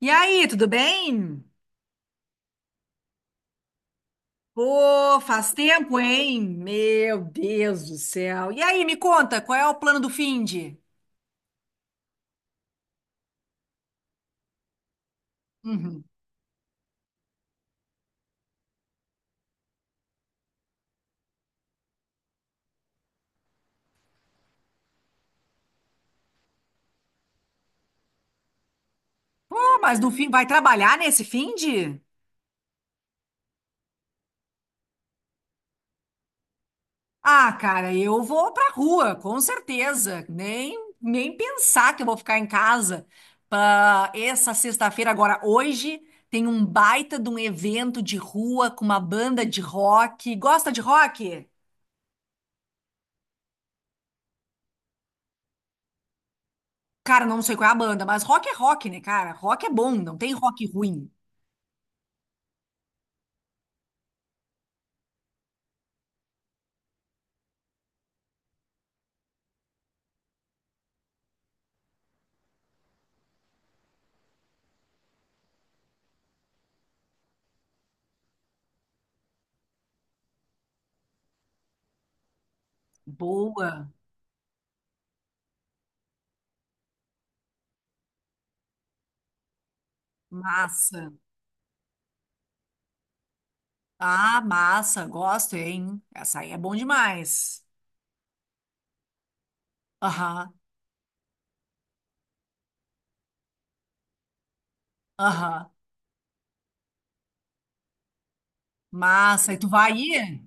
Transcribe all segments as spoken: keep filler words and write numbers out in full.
E aí, tudo bem? Pô, faz tempo, hein? Meu Deus do céu. E aí, me conta, qual é o plano do finde? Uhum. Pô, mas no fim, vai trabalhar nesse finde? Ah, cara, eu vou pra rua, com certeza. Nem, nem pensar que eu vou ficar em casa. Pra essa sexta-feira, agora, hoje, tem um baita de um evento de rua com uma banda de rock. Gosta de rock? Cara, não sei qual é a banda, mas rock é rock, né, cara? Rock é bom, não tem rock ruim. Boa, massa. Ah, massa, gosto, hein? Essa aí é bom demais. Aham, aham. Massa, e tu vai ir?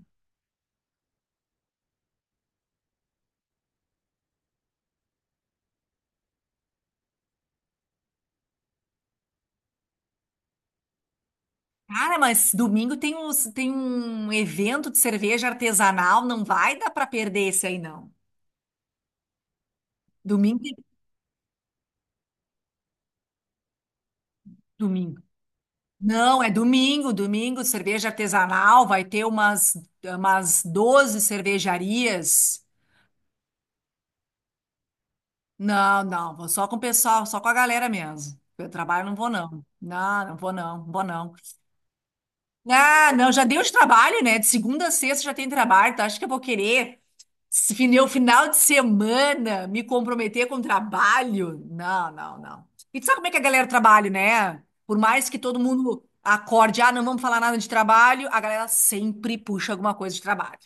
Cara, mas domingo tem um, tem um evento de cerveja artesanal, não vai dar pra perder esse aí, não. Domingo, tem- domingo. Não, é domingo, domingo, cerveja artesanal, vai ter umas, umas doze cervejarias. Não, não, vou só com o pessoal, só com a galera mesmo. Eu trabalho, não vou não. Não, não vou não, vou não. Ah, não, já deu de trabalho, né? De segunda a sexta já tem trabalho. Tá, acho que eu vou querer se fine- o final de semana me comprometer com trabalho? Não, não, não. E tu sabe como é que a galera trabalha, né? Por mais que todo mundo acorde, ah, não vamos falar nada de trabalho, a galera sempre puxa alguma coisa de trabalho.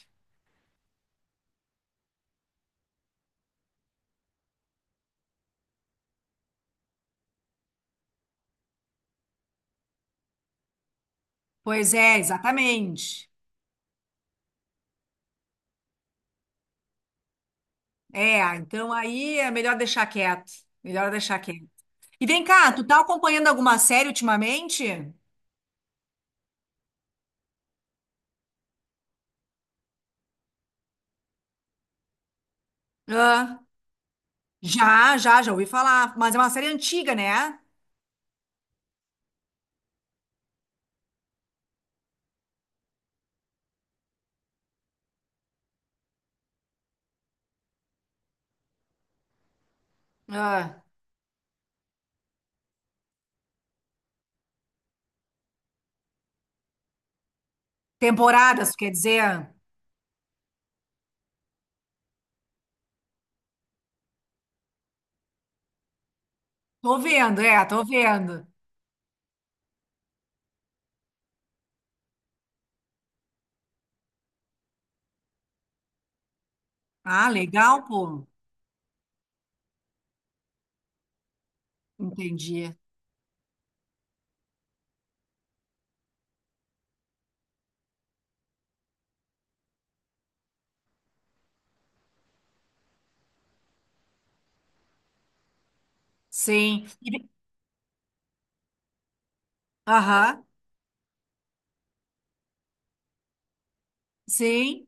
Pois é, exatamente. É, então aí é melhor deixar quieto. Melhor deixar quieto. E vem cá, tu tá acompanhando alguma série ultimamente? Ah, Já, já, já ouvi falar. Mas é uma série antiga, né? Ah, temporadas, quer dizer? Tô vendo, é, tô vendo. Ah, legal, pô. Entendi. Sim. E vem- aham, sim,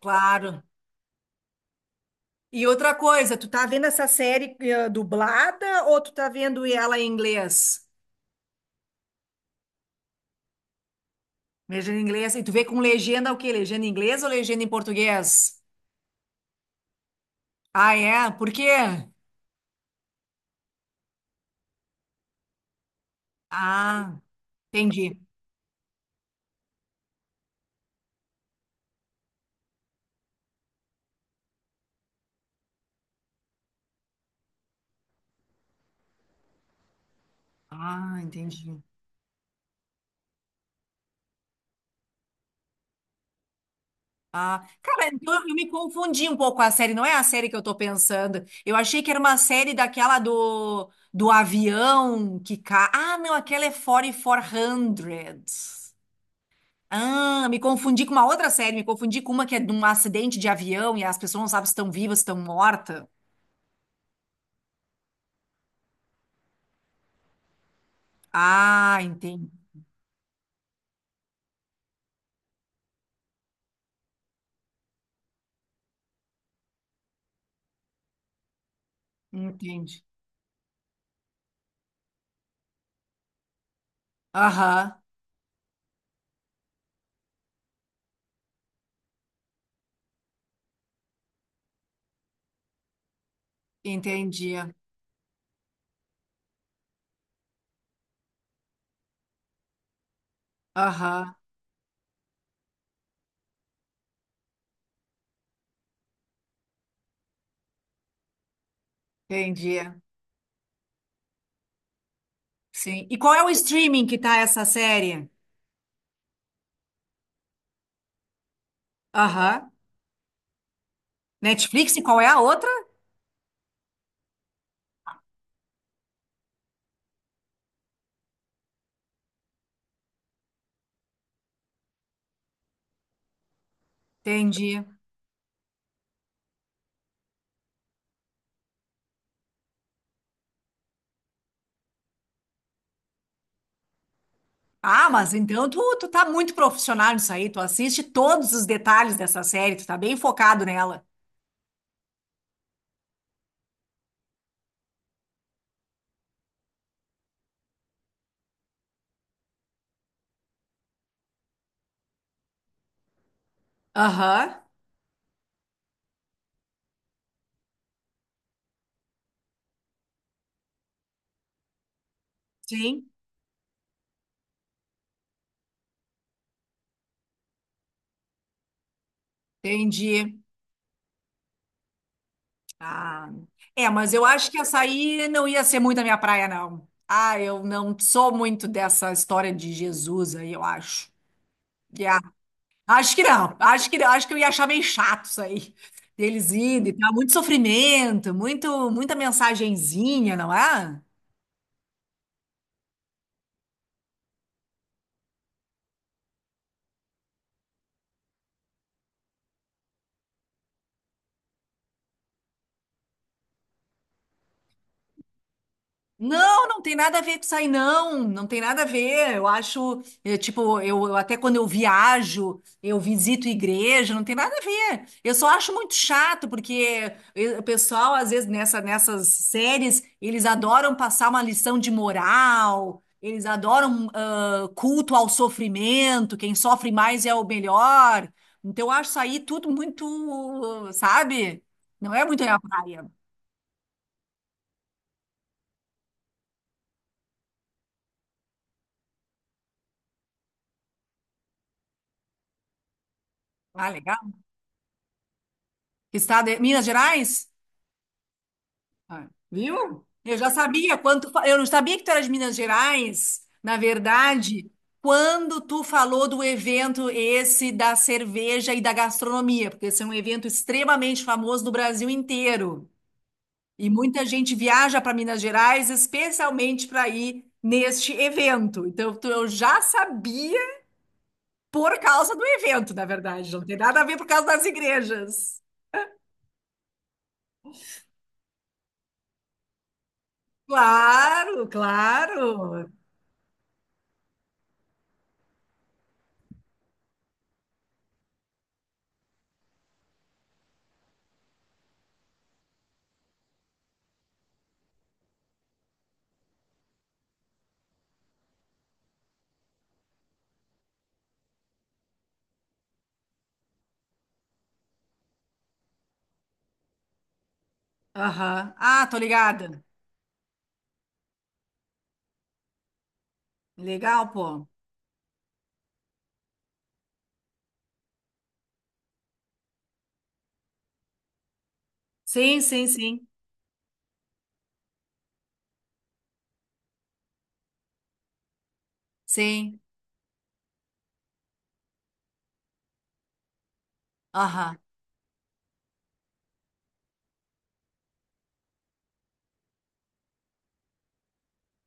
claro. E outra coisa, tu, tá vendo essa série eh, dublada ou tu tá vendo ela em inglês? Legenda em inglês. E tu vê com legenda o quê? Legenda em inglês ou legenda em português? Ah, é? Por quê? Ah, entendi. Ah, entendi. Ah, cara, então eu me confundi um pouco com a série. Não é a série que eu tô pensando. Eu achei que era uma série daquela do, do avião que cai. Ah, não, aquela é quarenta e quatro centos. Ah, me confundi com uma outra série. Me confundi com uma que é de um acidente de avião e as pessoas não sabem se estão vivas, se estão mortas. Ah, entendi. Entendi. Aham, entendi. Aham, entendi. Sim. E qual é o streaming que tá essa série? Aham. Netflix e qual é a outra? Entendi. Ah, mas então tu, tu tá muito profissional nisso aí. Tu assiste todos os detalhes dessa série. Tu tá bem focado nela. Aham. Sim. Entendi. Ah. É, mas eu acho que essa aí não ia ser muito a minha praia, não. Ah, eu não sou muito dessa história de Jesus aí, eu acho. Acho que não. Acho que, acho que eu ia achar meio chato isso aí. Deles indo e tal. Muito sofrimento, muito, muita mensagenzinha, não é? Não, não tem nada a ver com isso aí, não. Não tem nada a ver. Eu acho, eh, tipo, eu, eu até quando eu viajo, eu visito igreja, não tem nada a ver. Eu só acho muito chato, porque eh, o pessoal, às vezes, nessa, nessas séries, eles adoram passar uma lição de moral, eles adoram, ah, culto ao sofrimento, quem sofre mais é o melhor. Então, eu acho isso aí tudo muito, sabe? Não é muito a minha praia. Ah, legal. Estado é Minas Gerais? Ah, viu? Eu já sabia quanto. Eu não sabia que tu era de Minas Gerais. Na verdade, quando tu falou do evento esse da cerveja e da gastronomia, porque esse é um evento extremamente famoso no Brasil inteiro. E muita gente viaja para Minas Gerais especialmente para ir neste evento. Então, tu- eu já sabia por causa do evento, na verdade. Não tem nada a ver por causa das igrejas. Claro, claro. Aham. Ah, tô ligada. Legal, pô. Sim, sim, sim. Sim. Aham.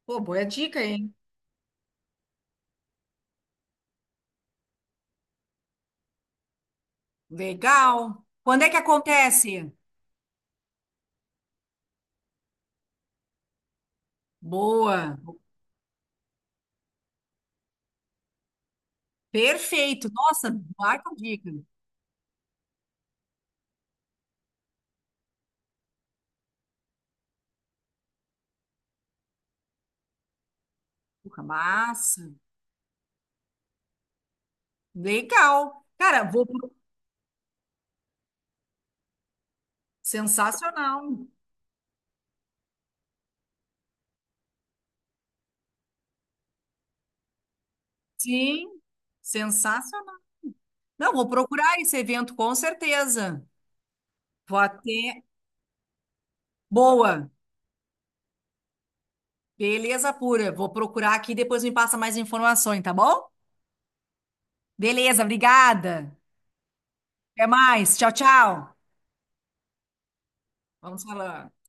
Pô, boa dica, hein? Legal. Quando é que acontece? Boa. Perfeito. Nossa, baita dica. Porra, massa. Legal. Cara, vou. Pro- sensacional. Sim, sensacional. Não, vou procurar esse evento com certeza. Vou até. Boa. Beleza pura. Vou procurar aqui e depois me passa mais informações, tá bom? Beleza, obrigada. Até mais. Tchau, tchau. Vamos falar.